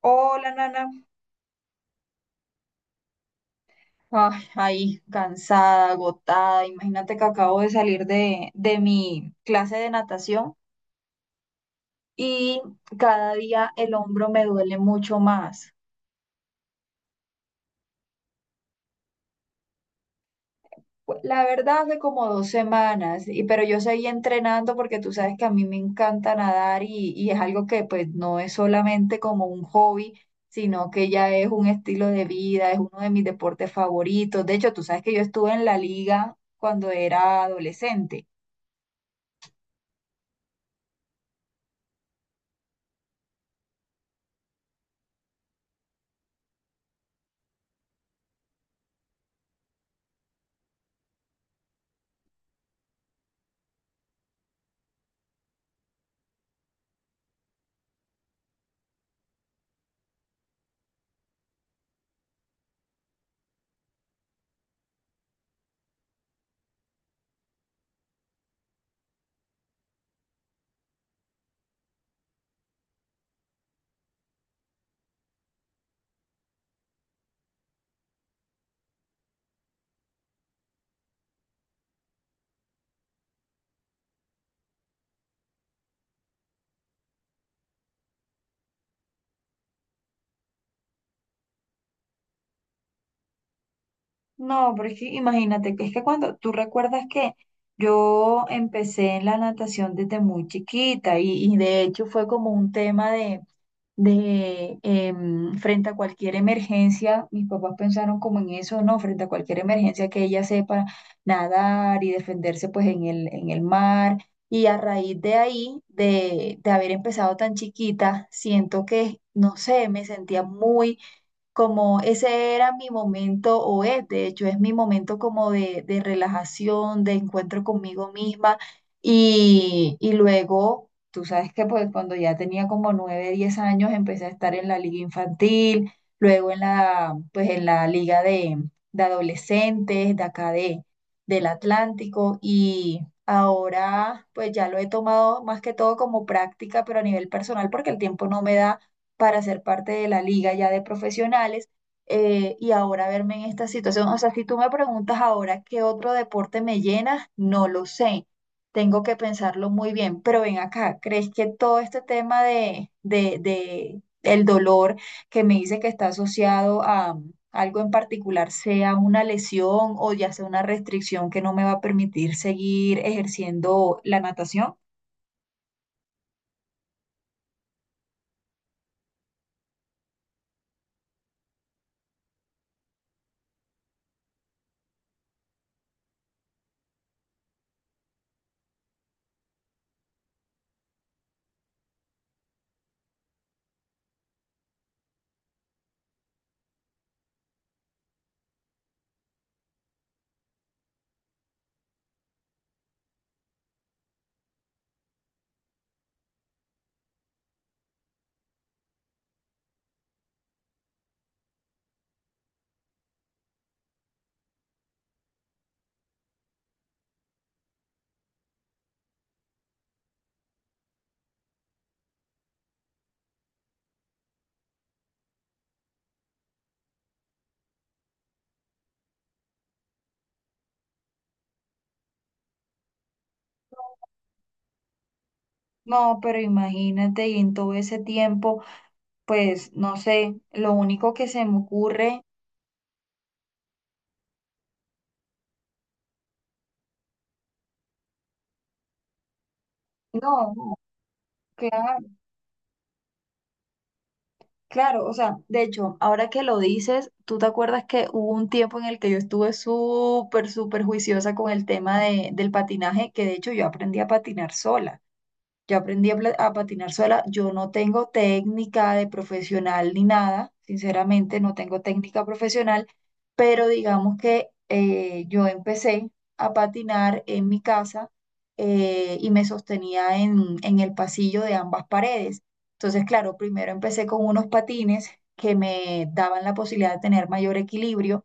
Hola, Nana. Ay, ahí, cansada, agotada. Imagínate que acabo de salir de mi clase de natación y cada día el hombro me duele mucho más. Pues, la verdad, hace como dos semanas, pero yo seguí entrenando porque tú sabes que a mí me encanta nadar y es algo que pues no es solamente como un hobby, sino que ya es un estilo de vida, es uno de mis deportes favoritos. De hecho, tú sabes que yo estuve en la liga cuando era adolescente. No, pero es que imagínate, que es que cuando tú recuerdas que yo empecé en la natación desde muy chiquita y de hecho fue como un tema de frente a cualquier emergencia, mis papás pensaron como en eso, ¿no? Frente a cualquier emergencia que ella sepa nadar y defenderse pues en el mar. Y a raíz de ahí, de haber empezado tan chiquita, siento que, no sé, me sentía muy como ese era mi momento, o es, de hecho, es mi momento como de relajación, de encuentro conmigo misma. Y luego, tú sabes que pues cuando ya tenía como 9 10 años, empecé a estar en la liga infantil, luego en pues en la liga de adolescentes, de acá del Atlántico. Y ahora pues ya lo he tomado más que todo como práctica, pero a nivel personal, porque el tiempo no me da para ser parte de la liga ya de profesionales y ahora verme en esta situación. O sea, si tú me preguntas ahora qué otro deporte me llena, no lo sé. Tengo que pensarlo muy bien, pero ven acá, ¿crees que todo este tema de el dolor que me dice que está asociado a algo en particular, sea una lesión o ya sea una restricción que no me va a permitir seguir ejerciendo la natación? No, pero imagínate, y en todo ese tiempo pues no sé, lo único que se me ocurre, no, claro, claro, o sea, de hecho, ahora que lo dices, tú te acuerdas que hubo un tiempo en el que yo estuve súper, súper juiciosa con el tema del patinaje, que de hecho yo aprendí a patinar sola. Yo aprendí a patinar sola. Yo no tengo técnica de profesional ni nada, sinceramente, no tengo técnica profesional, pero digamos que yo empecé a patinar en mi casa y me sostenía en el pasillo de ambas paredes. Entonces, claro, primero empecé con unos patines que me daban la posibilidad de tener mayor equilibrio.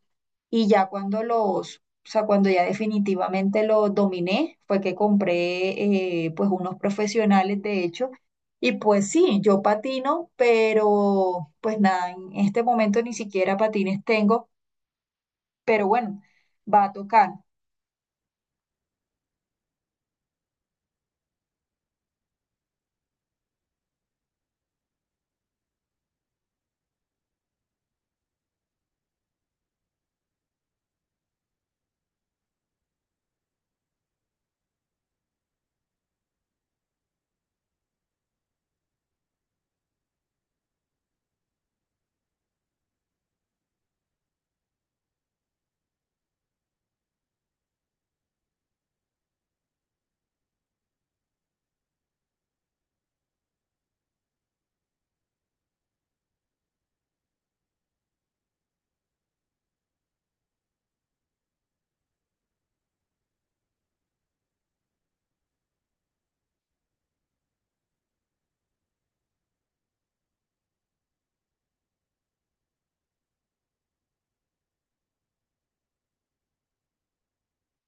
Y ya cuando los, o sea, cuando ya definitivamente los dominé, fue que compré pues unos profesionales, de hecho. Y pues sí, yo patino, pero pues nada, en este momento ni siquiera patines tengo, pero bueno, va a tocar.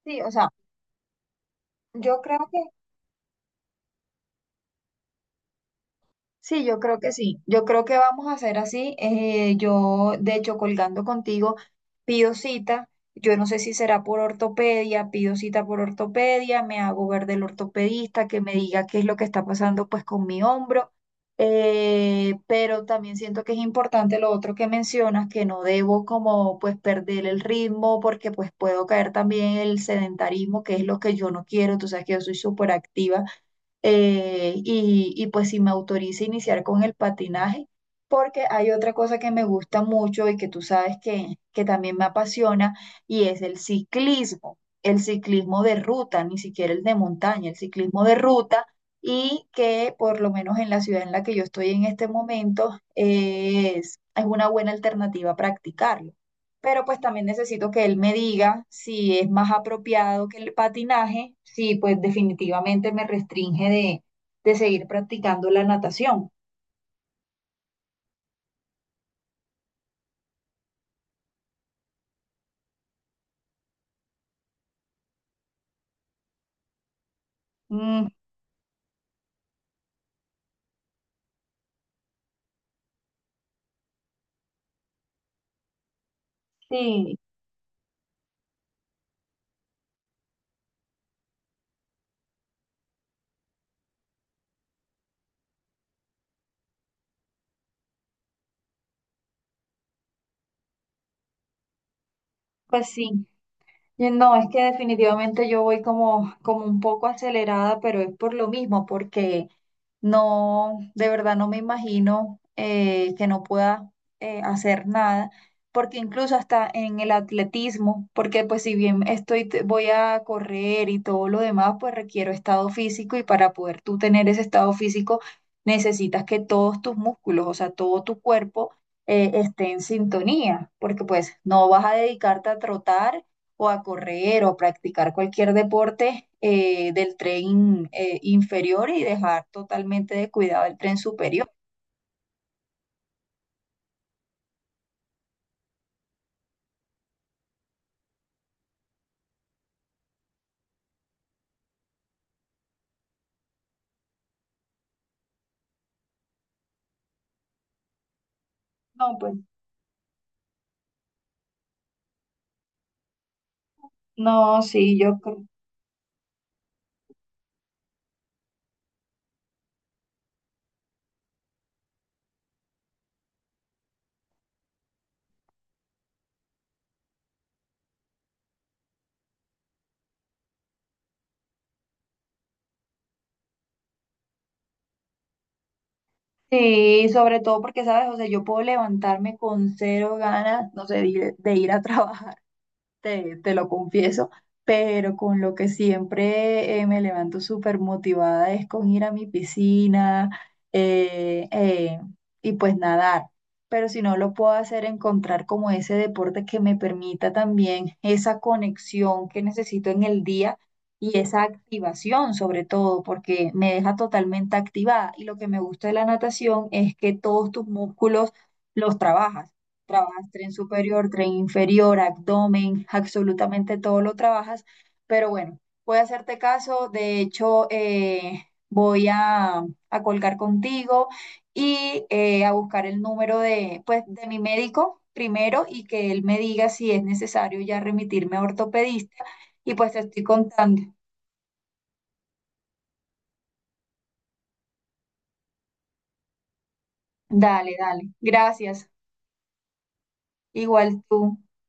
Sí, o sea, yo creo que sí, yo creo que sí. Yo creo que vamos a hacer así. Yo, de hecho, colgando contigo, pido cita. Yo no sé si será por ortopedia, pido cita por ortopedia, me hago ver del ortopedista que me diga qué es lo que está pasando pues con mi hombro. Pero también siento que es importante lo otro que mencionas, que no debo como pues perder el ritmo porque pues puedo caer también en el sedentarismo, que es lo que yo no quiero. Tú sabes que yo soy súper activa y pues si me autoriza iniciar con el patinaje, porque hay otra cosa que me gusta mucho y que tú sabes que también me apasiona y es el ciclismo de ruta, ni siquiera el de montaña, el ciclismo de ruta y que por lo menos en la ciudad en la que yo estoy en este momento es una buena alternativa practicarlo pero pues también necesito que él me diga si es más apropiado que el patinaje, si pues definitivamente me restringe de seguir practicando la natación. Mm, sí, pues sí. Y no, es que definitivamente yo voy como, como un poco acelerada, pero es por lo mismo, porque no, de verdad no me imagino que no pueda hacer nada, porque incluso hasta en el atletismo, porque pues si bien estoy, voy a correr y todo lo demás, pues requiero estado físico y para poder tú tener ese estado físico necesitas que todos tus músculos, o sea, todo tu cuerpo esté en sintonía, porque pues no vas a dedicarte a trotar o a correr o practicar cualquier deporte del tren inferior y dejar totalmente descuidado el tren superior. No, pues no, sí, yo creo. Sí, sobre todo porque, ¿sabes? O sea, yo puedo levantarme con cero ganas, no sé, de ir a trabajar te, te lo confieso, pero con lo que siempre me levanto súper motivada es con ir a mi piscina eh, eh, y pues nadar. Pero si no lo puedo hacer, encontrar como ese deporte que me permita también esa conexión que necesito en el día y esa activación sobre todo, porque me deja totalmente activada. Y lo que me gusta de la natación es que todos tus músculos los trabajas tren superior, tren inferior, abdomen, absolutamente todo lo trabajas, pero bueno, voy a hacerte caso, de hecho, voy a colgar contigo y a buscar el número pues, de mi médico primero y que él me diga si es necesario ya remitirme a ortopedista y pues te estoy contando. Dale, dale, gracias, igual tú.